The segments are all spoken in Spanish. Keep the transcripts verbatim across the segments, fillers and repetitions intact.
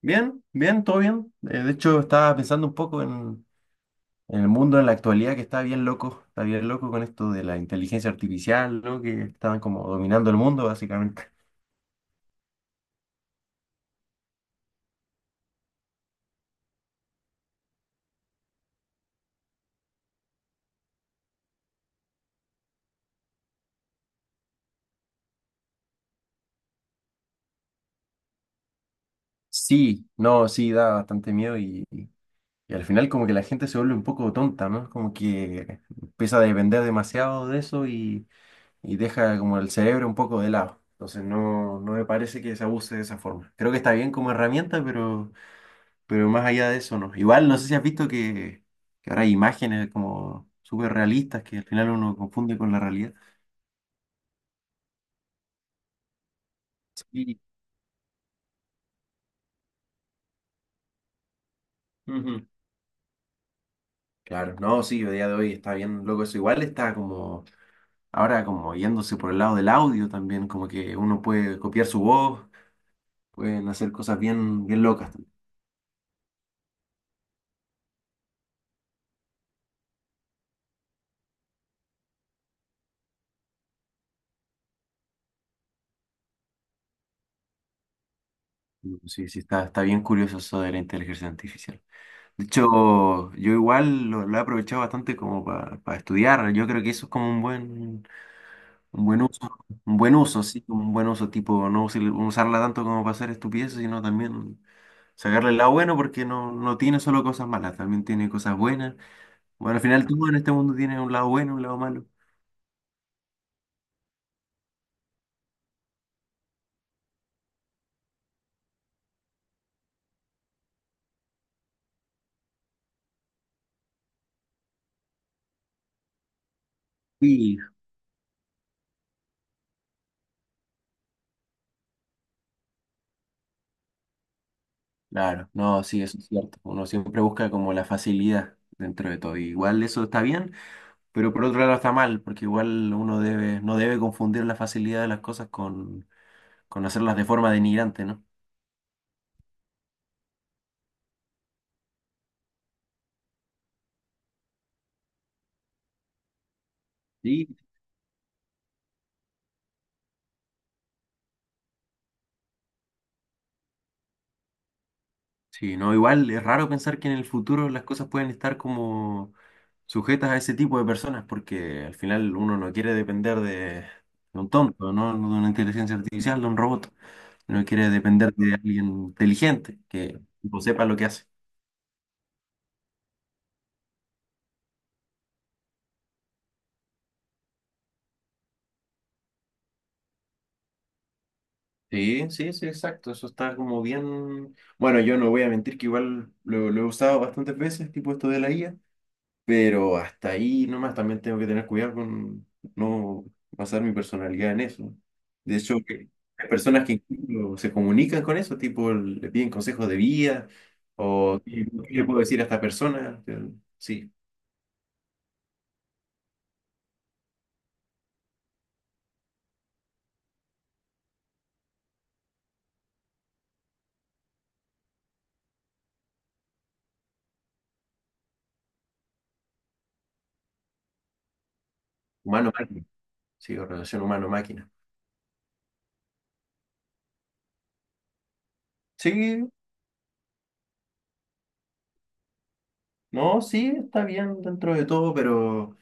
Bien, bien, todo bien. Eh, de hecho, estaba pensando un poco en, en el mundo en la actualidad que está bien loco, está bien loco con esto de la inteligencia artificial, ¿no? Que estaban como dominando el mundo, básicamente. Sí, no, sí, da bastante miedo y, y y al final como que la gente se vuelve un poco tonta, ¿no? Como que empieza a depender demasiado de eso y, y deja como el cerebro un poco de lado. Entonces no, no me parece que se abuse de esa forma. Creo que está bien como herramienta, pero Pero más allá de eso, no. Igual, no sé si has visto que, que ahora hay imágenes como súper realistas que al final uno confunde con la realidad. Sí. Ujú. Claro, no, sí, a día de hoy está bien loco eso. Igual está como, ahora como yéndose por el lado del audio también, como que uno puede copiar su voz, pueden hacer cosas bien, bien locas. También. Sí, sí, está, está bien curioso eso de la inteligencia artificial. De hecho, yo igual lo, lo he aprovechado bastante como para estudiar. Yo creo que eso es como un buen, un buen uso, un buen uso, sí, un buen uso, tipo, no usar- usarla tanto como para hacer estupideces, sino también sacarle el lado bueno, porque no, no tiene solo cosas malas, también tiene cosas buenas. Bueno, al final todo en este mundo tiene un lado bueno, un lado malo. Sí, claro, no, sí, eso es cierto. Uno siempre busca como la facilidad dentro de todo. Igual eso está bien, pero por otro lado está mal, porque igual uno debe, no debe confundir la facilidad de las cosas con, con hacerlas de forma denigrante, ¿no? Sí. Sí, no, igual es raro pensar que en el futuro las cosas pueden estar como sujetas a ese tipo de personas, porque al final uno no quiere depender de, de un tonto, ¿no? No. De una inteligencia artificial, de un robot. Uno quiere depender de alguien inteligente que tipo, sepa lo que hace. Sí, sí, sí, exacto. Eso está como bien. Bueno, yo no voy a mentir que igual lo, lo he usado bastantes veces, tipo esto de la I A. Pero hasta ahí nomás también tengo que tener cuidado con no basar mi personalidad en eso. De hecho, que hay personas que incluso se comunican con eso, tipo le piden consejos de vida o qué qué le puedo decir a esta persona. Eh, Sí, humano-máquina. Sí, o relación humano-máquina. Sí, no, sí, está bien dentro de todo, pero,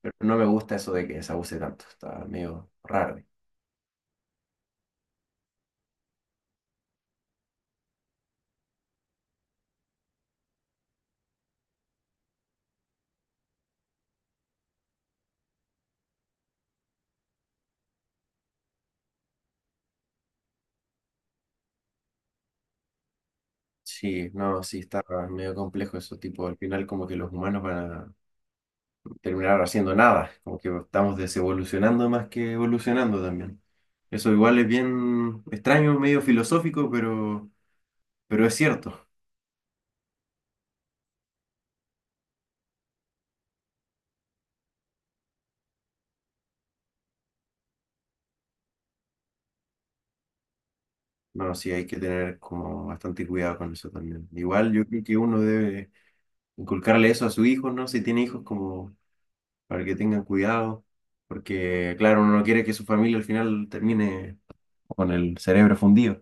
pero no me gusta eso de que se abuse tanto. Está medio raro. Sí, no, sí, está medio complejo eso, tipo, al final como que los humanos van a terminar haciendo nada, como que estamos desevolucionando más que evolucionando también. Eso igual es bien extraño, medio filosófico, pero, pero es cierto. No, sí, hay que tener como bastante cuidado con eso también. Igual yo creo que uno debe inculcarle eso a su hijo, ¿no? Si tiene hijos, como para que tengan cuidado, porque claro, uno no quiere que su familia al final termine con el cerebro fundido.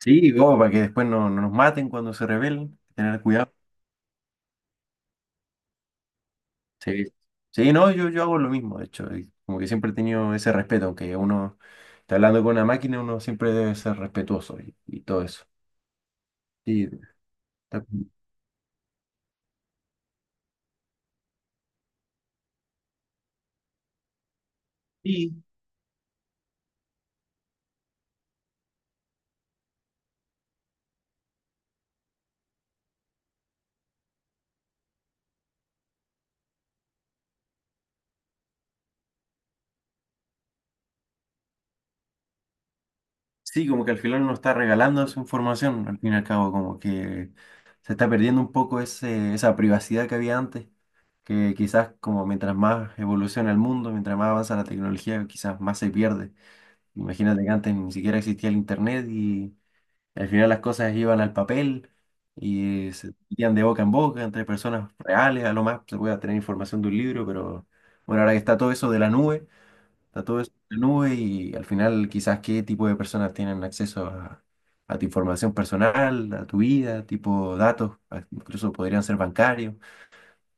Sí, como para que después no, no nos maten cuando se rebelen, tener cuidado. Sí, sí, no, yo, yo hago lo mismo, de hecho, y como que siempre he tenido ese respeto, aunque uno está hablando con una máquina, uno siempre debe ser respetuoso y, y todo eso. Sí, está- y sí, como que al final uno está regalando su información, al fin y al cabo, como que se está perdiendo un poco ese, esa privacidad que había antes, que quizás como mientras más evoluciona el mundo, mientras más avanza la tecnología, quizás más se pierde. Imagínate que antes ni siquiera existía el internet. Al final las cosas iban al papel y se metían de boca en boca entre personas reales, a lo más se puede tener información de un libro, pero bueno, ahora que está todo eso de la nube, está todo eso de la nube y al final quizás qué tipo de personas tienen acceso a, a tu información personal, a tu vida, tipo datos, a- incluso podrían ser bancarios.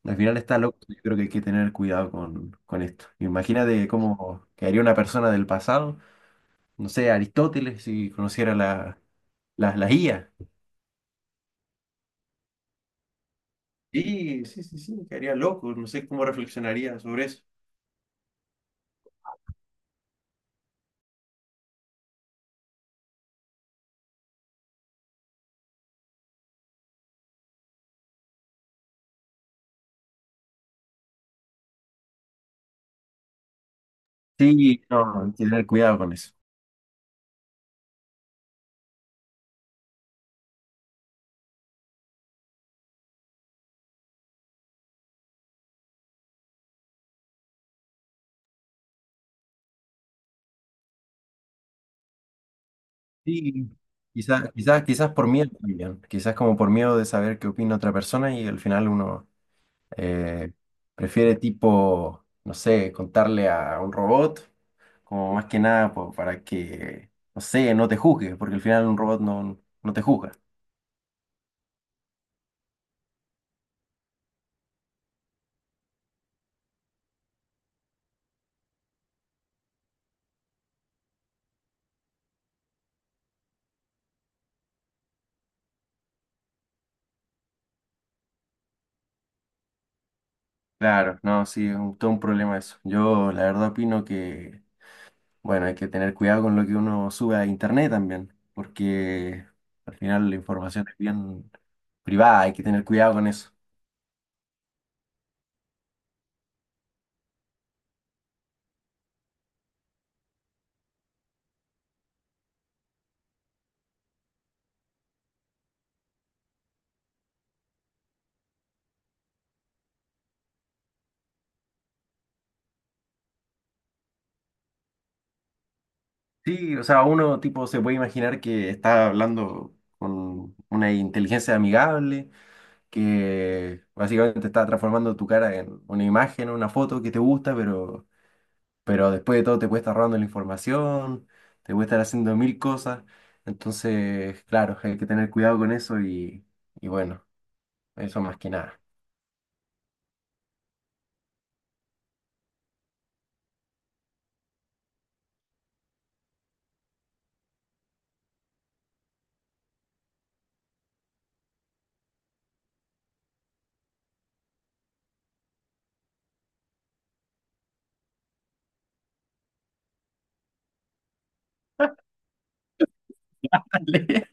Al final está loco, yo creo que hay que tener cuidado con, con esto. Imagínate cómo quedaría una persona del pasado, no sé, Aristóteles, si conociera la, las las I A. Sí, sí, sí, sí, me quedaría loco, no sé cómo reflexionaría sobre eso. Sí, no, hay que tener cuidado con eso. Sí. Quizás, quizás, quizás por miedo también, quizás como por miedo de saber qué opina otra persona y al final uno eh, prefiere tipo, no sé, contarle a un robot, como más que nada po- para que, no sé, no te juzgue, porque al final un robot no, no te juzga. Claro, no, sí, es un- todo un problema eso. Yo la verdad opino que bueno, hay que tener cuidado con lo que uno sube a internet también, porque al final la información es bien privada, hay que tener cuidado con eso. Sí, o sea, uno tipo se puede imaginar que está hablando con una inteligencia amigable, que básicamente está transformando tu cara en una imagen, una foto que te gusta, pero, pero después de todo te puede estar robando la información, te puede estar haciendo mil cosas. Entonces, claro, hay que tener cuidado con eso y, y bueno, eso más que nada. Dale.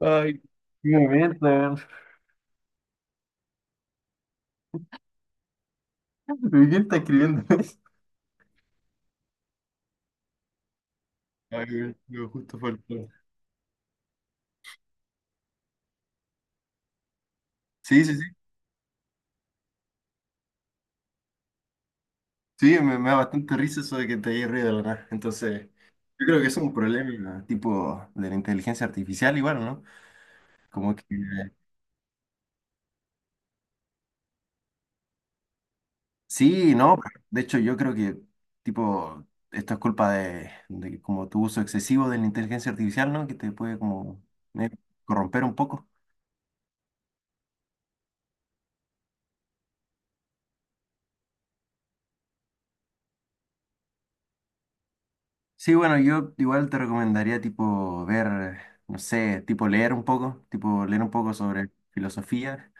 Ay, qué momento, weón. ¿Y quién está escribiendo eso? Ay, weón, lo justo faltó. Sí, sí, sí. Sí, me, me da bastante risa eso de que te hayas reído, la verdad. Entonces, yo creo que es un problema tipo de la inteligencia artificial igual, ¿no? Como que sí, no. De hecho, yo creo que tipo esto es culpa de, de como tu uso excesivo de la inteligencia artificial, ¿no? Que te puede como eh, corromper un poco. Sí, bueno, yo igual te recomendaría tipo ver, no sé, tipo leer un poco, tipo leer un poco sobre filosofía,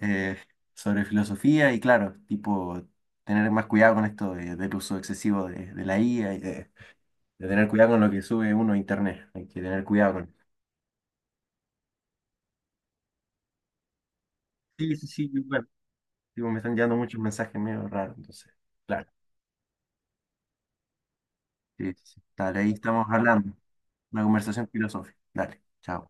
eh, sobre filosofía y claro, tipo tener más cuidado con esto de- del uso excesivo de, de la I A y de, de tener cuidado con lo que sube uno a internet, hay que tener cuidado con... Sí, sí, sí, igual. Tipo, me están llegando muchos mensajes medio raros, entonces, claro. Sí, sí, sí. Dale, ahí estamos hablando, una conversación filosófica. Dale, chao.